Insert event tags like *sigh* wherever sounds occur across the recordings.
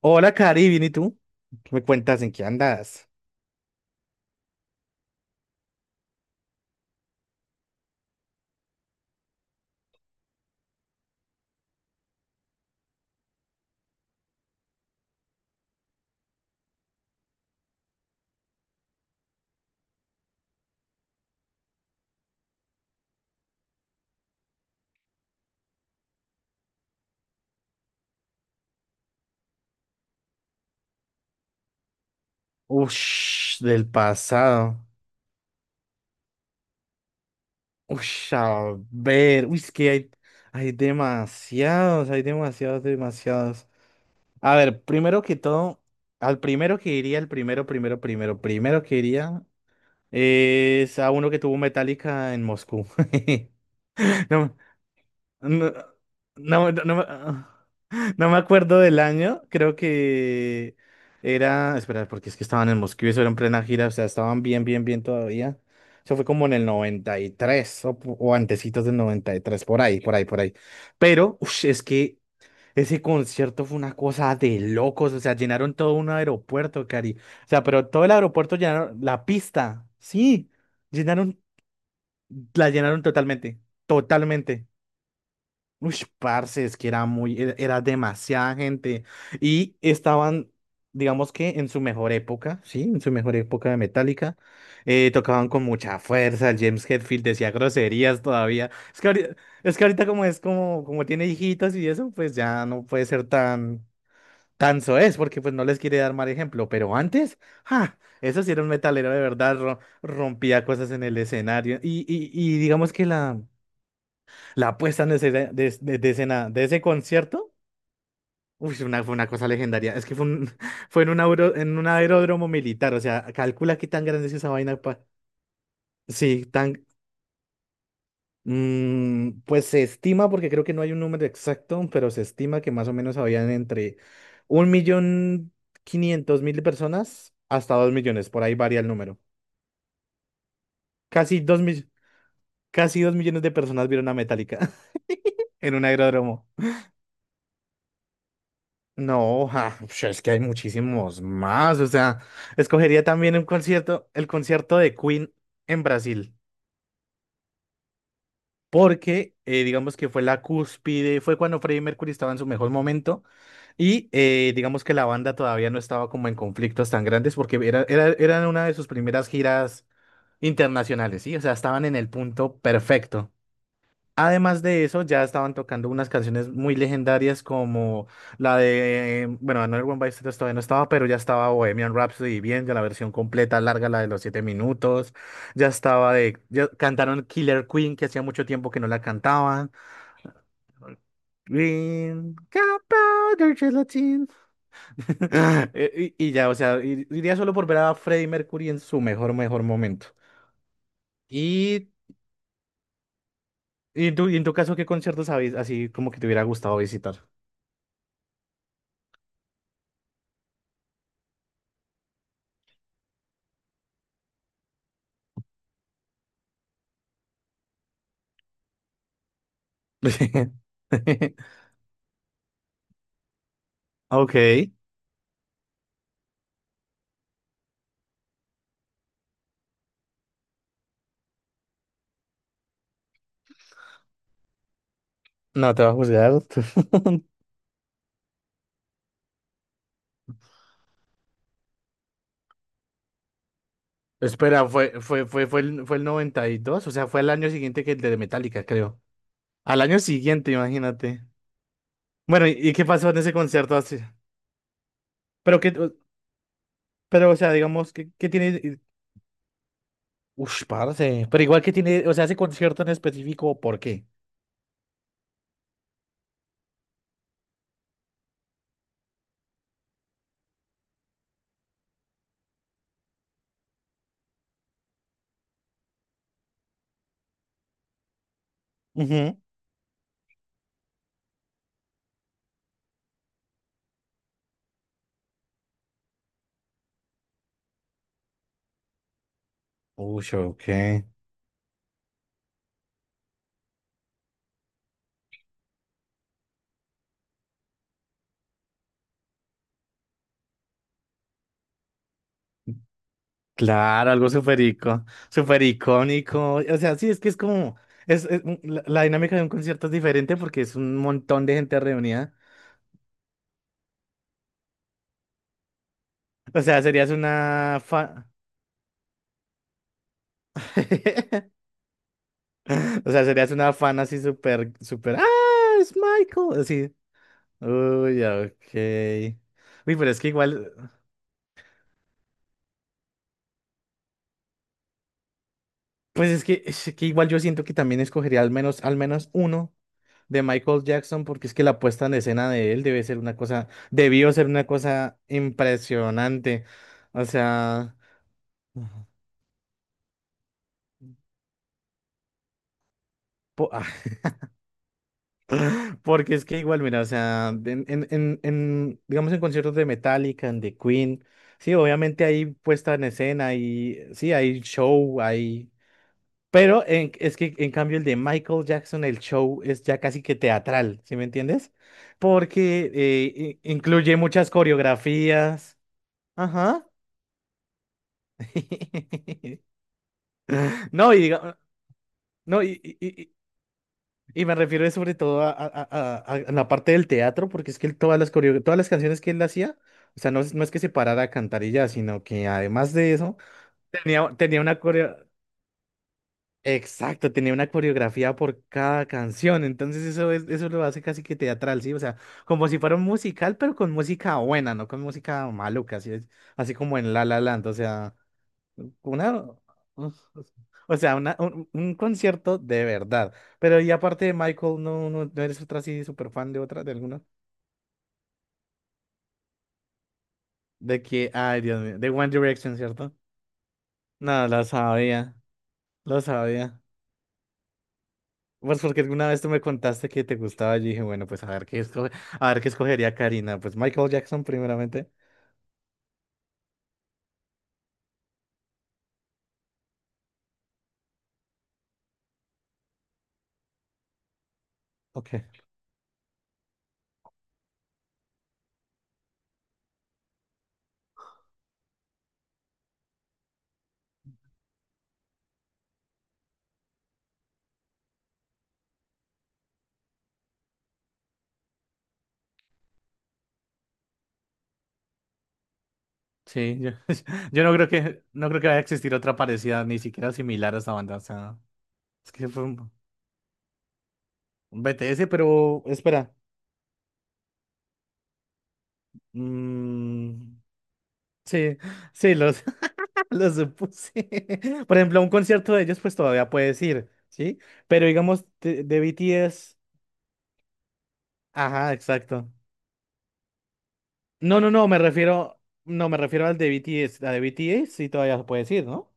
Hola, Cari, bien, ¿y tú? ¿Qué me cuentas en qué andas? Ush, del pasado. Ush, a ver. Uy, es que hay demasiados, hay demasiados. A ver, primero que todo, al primero que iría, el primero que iría es a uno que tuvo Metallica en Moscú. *laughs* No, No, no, no, no me no me acuerdo del año, creo que era, espera, porque es que estaban en Moscú y eso era en plena gira, o sea, estaban bien, bien, bien todavía. Eso fue como en el 93 o, o antecitos del 93, por ahí, por ahí, por ahí. Pero, ush, es que ese concierto fue una cosa de locos, o sea, llenaron todo un aeropuerto, Cari. O sea, pero todo el aeropuerto llenaron, la pista, sí, llenaron, la llenaron totalmente, totalmente. Uy, parce, es que era demasiada gente. Y estaban, digamos que en su mejor época, sí, en su mejor época de Metallica, tocaban con mucha fuerza. El James Hetfield decía groserías todavía. Es que ahorita como como tiene hijitos y eso, pues ya no puede ser tan, tan soez, porque pues no les quiere dar mal ejemplo. Pero antes, ¡ja! Eso sí era un metalero de verdad, rompía cosas en el escenario. Y digamos que la. La puesta en escena de escena de ese concierto, uy, una, fue una cosa legendaria. Es que fue, *laughs* fue en un, en un aeródromo militar, o sea, calcula qué tan grande es esa vaina. Sí, tan... pues se estima, porque creo que no hay un número exacto, pero se estima que más o menos habían entre 1.500.000 personas hasta 2.000.000, por ahí varía el número. Casi dos mil- Casi 2.000.000 de personas vieron a Metallica *laughs* en un aeródromo. No, ja, pues es que hay muchísimos más. O sea, escogería también un concierto, el concierto de Queen en Brasil, porque digamos que fue la cúspide, fue cuando Freddie Mercury estaba en su mejor momento y digamos que la banda todavía no estaba como en conflictos tan grandes porque eran una de sus primeras giras internacionales, ¿sí? O sea, estaban en el punto perfecto. Además de eso, ya estaban tocando unas canciones muy legendarias como la de, bueno, Another One Bites the Dust todavía no estaba, pero ya estaba Bohemian Rhapsody bien, ya la versión completa, larga, la de los 7 minutos, ya estaba de, ya cantaron Killer Queen, que hacía mucho tiempo que no la cantaban. Green, Gunpowder Gelatin. *laughs* Y ya, o sea, iría solo por ver a Freddie Mercury en su mejor, mejor momento. Y, y en tu caso, ¿qué conciertos habéis así como que te hubiera gustado visitar? *laughs* Ok, no te va a juzgar. *laughs* Espera, fue el 92, o sea, fue al año siguiente que el de Metallica, creo. Al año siguiente, imagínate. Bueno, ¿y qué pasó en ese concierto así? Pero que, pero, o sea, digamos, ¿qué tiene? Ush, parce. Pero igual que tiene, o sea, ese concierto en específico, ¿por qué? Ujú. Ush, ok. Claro, algo súper icónico. O sea, sí, es que es como, es, la, la dinámica de un concierto es diferente porque es un montón de gente reunida. O sea, serías una fan. *laughs* O sea, serías una fan así súper, súper. ¡Ah! Es Michael. Así. Uy, ok. Uy, pero es que igual, pues es que igual yo siento que también escogería al menos uno de Michael Jackson, porque es que la puesta en escena de él debe ser una cosa, debió ser una cosa impresionante. O sea, po- *laughs* porque es que igual, mira, o sea, digamos en conciertos de Metallica, en The Queen, sí, obviamente hay puesta en escena y sí, hay show, hay... es que en cambio el de Michael Jackson, el show es ya casi que teatral, ¿sí me entiendes? Porque incluye muchas coreografías. Ajá. *laughs* No, y diga- no, y me refiero sobre todo a, a la parte del teatro, porque es que él todas las todas las canciones que él hacía, o sea, no, no es que se parara a cantar y ya, sino que además de eso, tenía una coreo, exacto, tenía una coreografía por cada canción. Entonces eso lo hace casi que teatral, sí, o sea, como si fuera un musical, pero con música buena, no con música maluca, así es, así como en La La Land, o sea. Una, un concierto de verdad. Pero y aparte de Michael, no eres otra así súper fan de otra, de alguna. De que, ay, Dios mío, de One Direction, ¿cierto? No, lo sabía, lo sabía. Pues porque alguna vez tú me contaste que te gustaba, yo dije, bueno, pues a ver qué escoge, a ver qué escogería Karina. Pues Michael Jackson primeramente. Ok. Sí, yo, *laughs* yo no creo que, no creo que vaya a existir otra parecida, ni siquiera similar a esta banda. O sea, es que fue un BTS, pero espera. Mm, sí, sí, los, *laughs* los supuse. *laughs* Por ejemplo, a un concierto de ellos, pues todavía puedes ir, ¿sí? Pero digamos, de BTS. Ajá, exacto. No, me refiero. No, me refiero al de BTS. A de BTS sí todavía puedes ir, ¿no?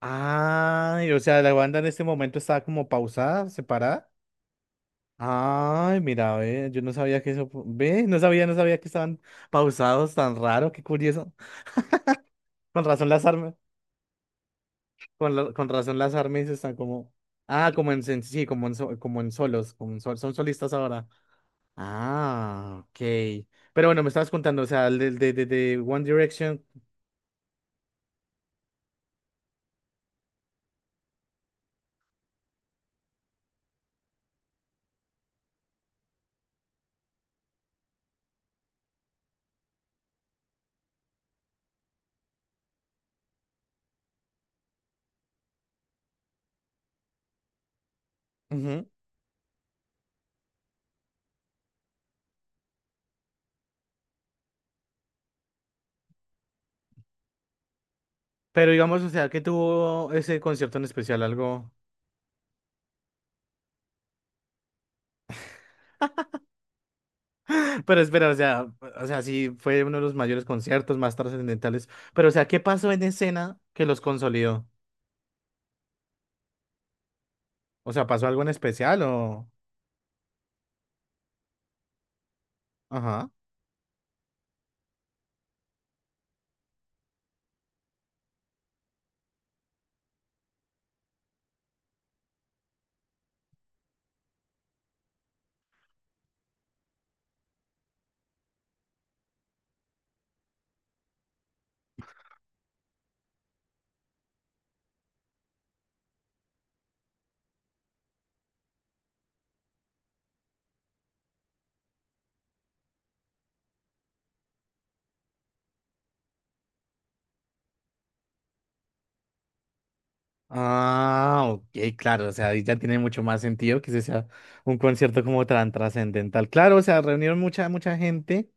Ay, o sea, la banda en este momento está como pausada, separada. Ay, mira, ve, yo no sabía que eso, ve, no sabía, no sabía que estaban pausados tan raro, qué curioso. Con razón las armas, con razón las armas están como, ah, como en, sí, como en, como en solos, como en sol- son solistas ahora. Ah, ok. Pero bueno, me estabas contando, o sea, el de One Direction, ujú. Pero digamos, o sea, que tuvo ese concierto en especial, algo. Pero espera, o sea, sí fue uno de los mayores conciertos más trascendentales. Pero, o sea, ¿qué pasó en escena que los consolidó? O sea, ¿pasó algo en especial o...? Ajá. Ah, ok, claro, o sea, ahí ya tiene mucho más sentido que ese sea un concierto como tan trascendental. Claro, o sea, reunieron mucha, mucha gente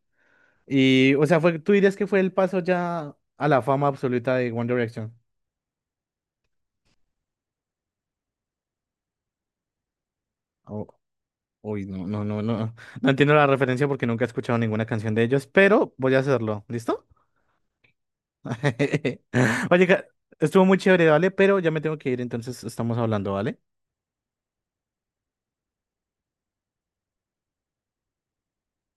y, o sea, fue, tú dirías que fue el paso ya a la fama absoluta de One Direction. Oh, uy, no entiendo la referencia porque nunca he escuchado ninguna canción de ellos, pero voy a hacerlo, ¿listo? *laughs* Oye, estuvo muy chévere, ¿vale? Pero ya me tengo que ir, entonces estamos hablando, ¿vale?